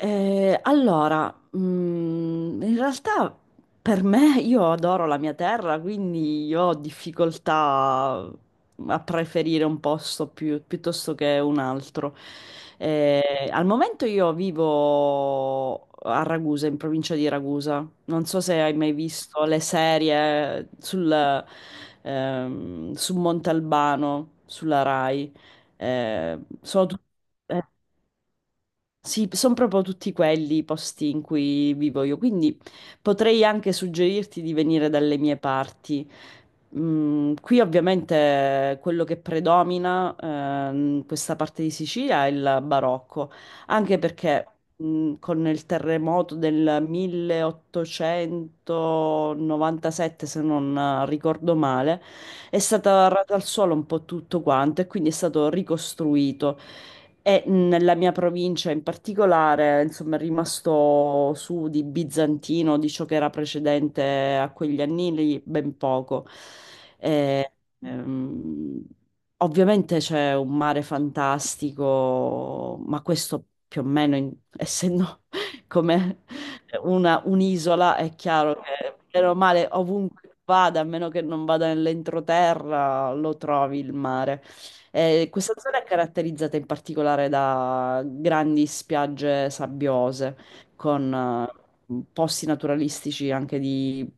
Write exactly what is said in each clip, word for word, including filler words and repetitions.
Eh, allora, mm, in realtà per me io adoro la mia terra, quindi io ho difficoltà a preferire un posto più- piuttosto che un altro. Eh, al momento io vivo a Ragusa, in provincia di Ragusa. Non so se hai mai visto le serie sul, ehm, su Montalbano, sulla Rai. Eh, sono tutte Sì, sono proprio tutti quelli i posti in cui vivo io, quindi potrei anche suggerirti di venire dalle mie parti. Mm, qui ovviamente quello che predomina eh, in questa parte di Sicilia è il barocco, anche perché mm, con il terremoto del milleottocentonovantasette, se non ricordo male, è stato arrato al suolo un po' tutto quanto e quindi è stato ricostruito. E nella mia provincia in particolare, insomma, è rimasto su di bizantino, di ciò che era precedente a quegli anni lì, ben poco. E, ehm, ovviamente c'è un mare fantastico, ma questo più o meno, in- essendo come una- un'isola, è chiaro che bene o male ovunque vada, a meno che non vada nell'entroterra, lo trovi il mare. Eh, questa zona è caratterizzata in particolare da grandi spiagge sabbiose, con eh, posti naturalistici anche di,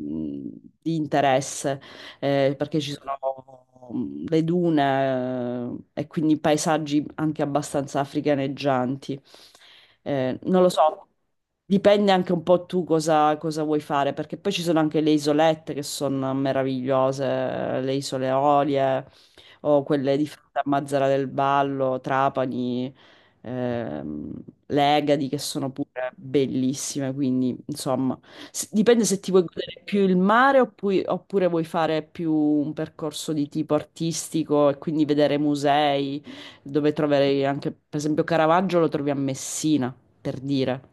mm, di interesse, eh, perché ci sono mm, le dune eh, e quindi paesaggi anche abbastanza africaneggianti. Eh, non lo so. Dipende anche un po' tu cosa, cosa vuoi fare, perché poi ci sono anche le isolette che sono meravigliose, le isole Eolie o quelle di Mazzara del Vallo, Trapani, ehm, Legadi, che sono pure bellissime, quindi insomma, s- dipende se ti vuoi godere più il mare oppure, oppure vuoi fare più un percorso di tipo artistico e quindi vedere musei, dove troverai anche, per esempio, Caravaggio lo trovi a Messina, per dire.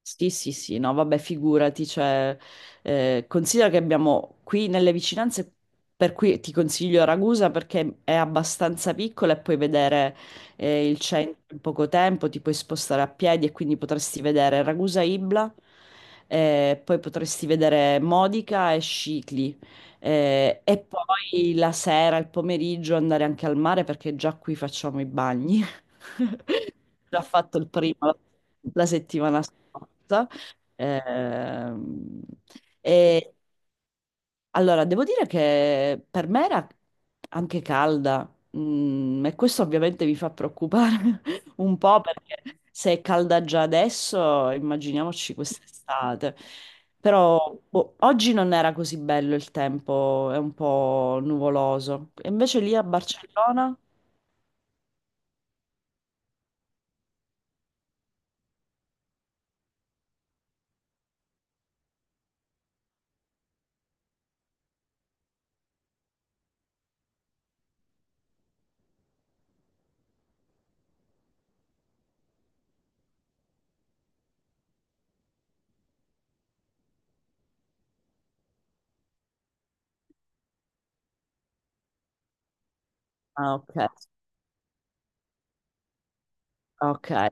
Sì, sì, sì, no, vabbè, figurati, cioè, eh, considera che abbiamo qui nelle vicinanze, per cui ti consiglio Ragusa perché è abbastanza piccola e puoi vedere eh, il centro in poco tempo, ti puoi spostare a piedi e quindi potresti vedere Ragusa Ibla, eh, poi potresti vedere Modica e Scicli, eh, e poi la sera, il pomeriggio andare anche al mare perché già qui facciamo i bagni. Già fatto il primo la, la settimana scorsa. Ehm, e allora, devo dire che per me era anche calda, mm, e questo ovviamente mi fa preoccupare un po' perché se è calda già adesso, immaginiamoci quest'estate. Però boh, oggi non era così bello il tempo, è un po' nuvoloso. E invece lì a Barcellona? Ah, ok, ok.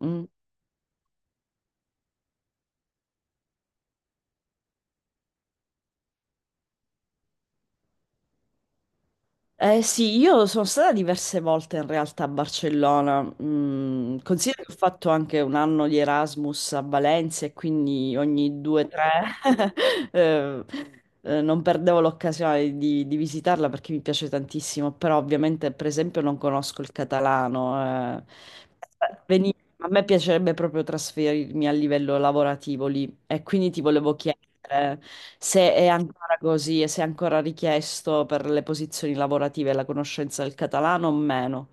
Mm. Eh sì, io sono stata diverse volte in realtà a Barcellona. Mm, considero che ho fatto anche un anno di Erasmus a Valencia e quindi ogni due o tre eh, eh, non perdevo l'occasione di, di visitarla perché mi piace tantissimo, però ovviamente per esempio non conosco il catalano. eh. A me piacerebbe proprio trasferirmi a livello lavorativo lì e quindi ti volevo chiedere se è ancora così e se è ancora richiesto per le posizioni lavorative la conoscenza del catalano o meno.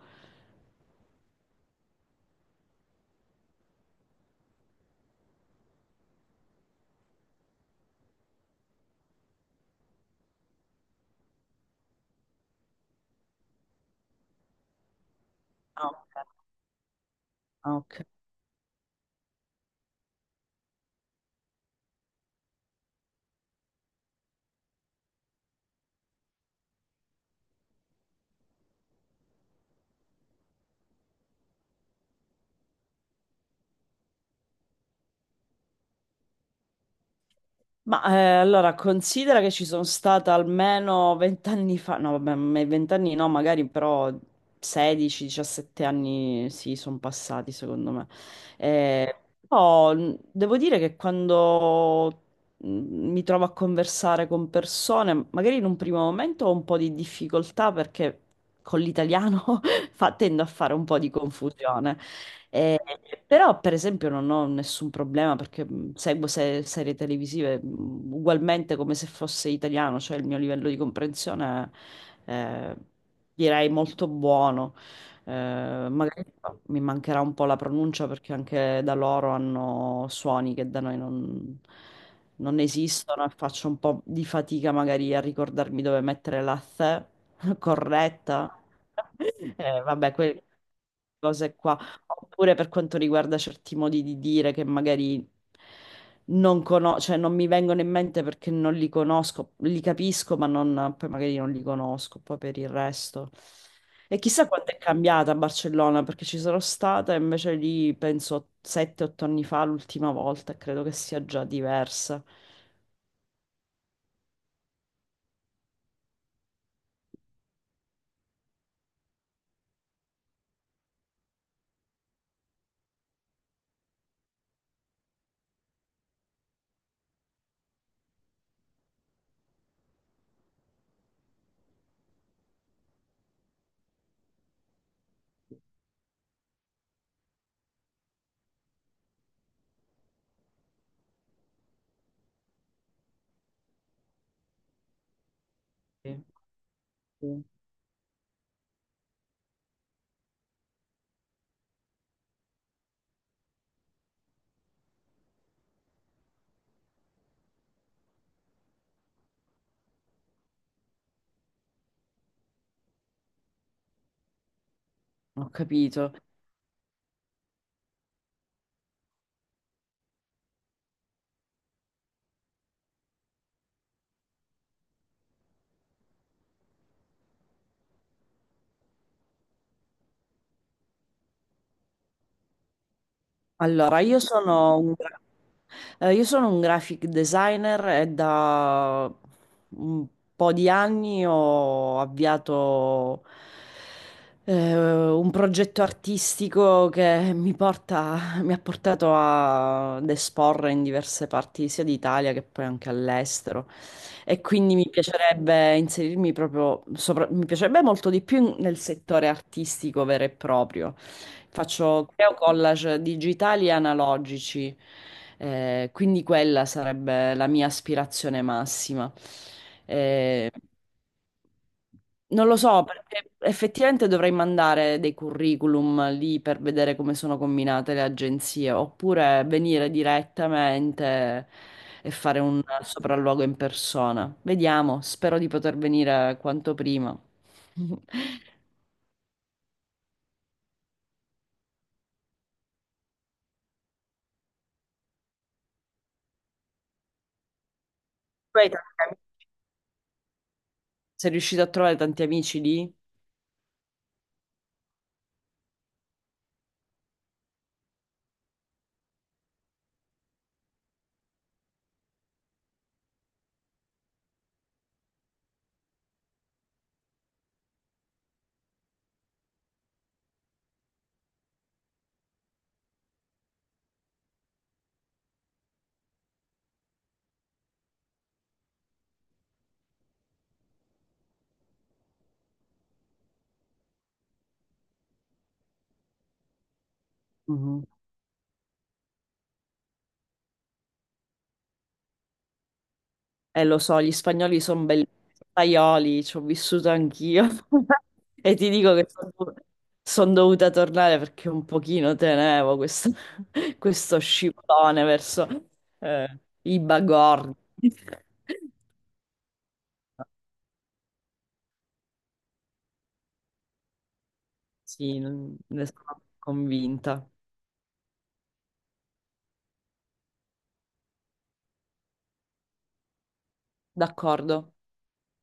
Ah, ok. Ah, ok. Ma eh, allora considera che ci sono stata almeno vent'anni fa, no vabbè, ma- vent'anni no, magari però sedici diciassette anni sì, sono passati secondo me. Eh, Però mh, devo dire che quando mh, mi trovo a conversare con persone, magari in un primo momento ho un po' di difficoltà perché con l'italiano fa- tendo a fare un po' di confusione. Eh, Però, per esempio, non ho nessun problema perché mh, seguo se- serie televisive mh, ugualmente come se fosse italiano, cioè il mio livello di comprensione è, eh, direi molto buono. Eh, magari mi mancherà un po' la pronuncia perché anche da loro hanno suoni che da noi non, non esistono e faccio un po' di fatica magari a ricordarmi dove mettere la th corretta. Eh, vabbè, quelle cose qua. Oppure per quanto riguarda certi modi di dire che magari non conosco, cioè non mi vengono in mente perché non li conosco, li capisco, ma non- poi magari non li conosco, poi per il resto. E chissà quanto è cambiata a Barcellona, perché ci sono stata, invece lì penso sette otto anni fa, l'ultima volta, e credo che sia già diversa. Sì. Sì. Ho capito. Allora, io sono un, gra- eh, io sono un graphic designer e da un po' di anni ho avviato eh, un progetto artistico che mi porta mi ha portato a- ad esporre in diverse parti sia d'Italia che poi anche all'estero e quindi mi piacerebbe inserirmi proprio, sopra- mi piacerebbe molto di più in- nel settore artistico vero e proprio. Faccio Creo collage digitali e analogici, eh, quindi quella sarebbe la mia aspirazione massima. Eh, Non lo so, perché effettivamente dovrei mandare dei curriculum lì per vedere come sono combinate le agenzie, oppure venire direttamente e fare un sopralluogo in persona. Vediamo, spero di poter venire quanto prima. Tu hai tanti amici? Sei riuscito a trovare tanti amici lì? Mhm. Eh, lo so, gli spagnoli sono belli, spagnoli, ci ho vissuto anch'io. E ti dico che sono dovuta tornare perché un pochino tenevo questo, questo scivolone verso eh, i bagordi. Sì, non- ne sono convinta. D'accordo.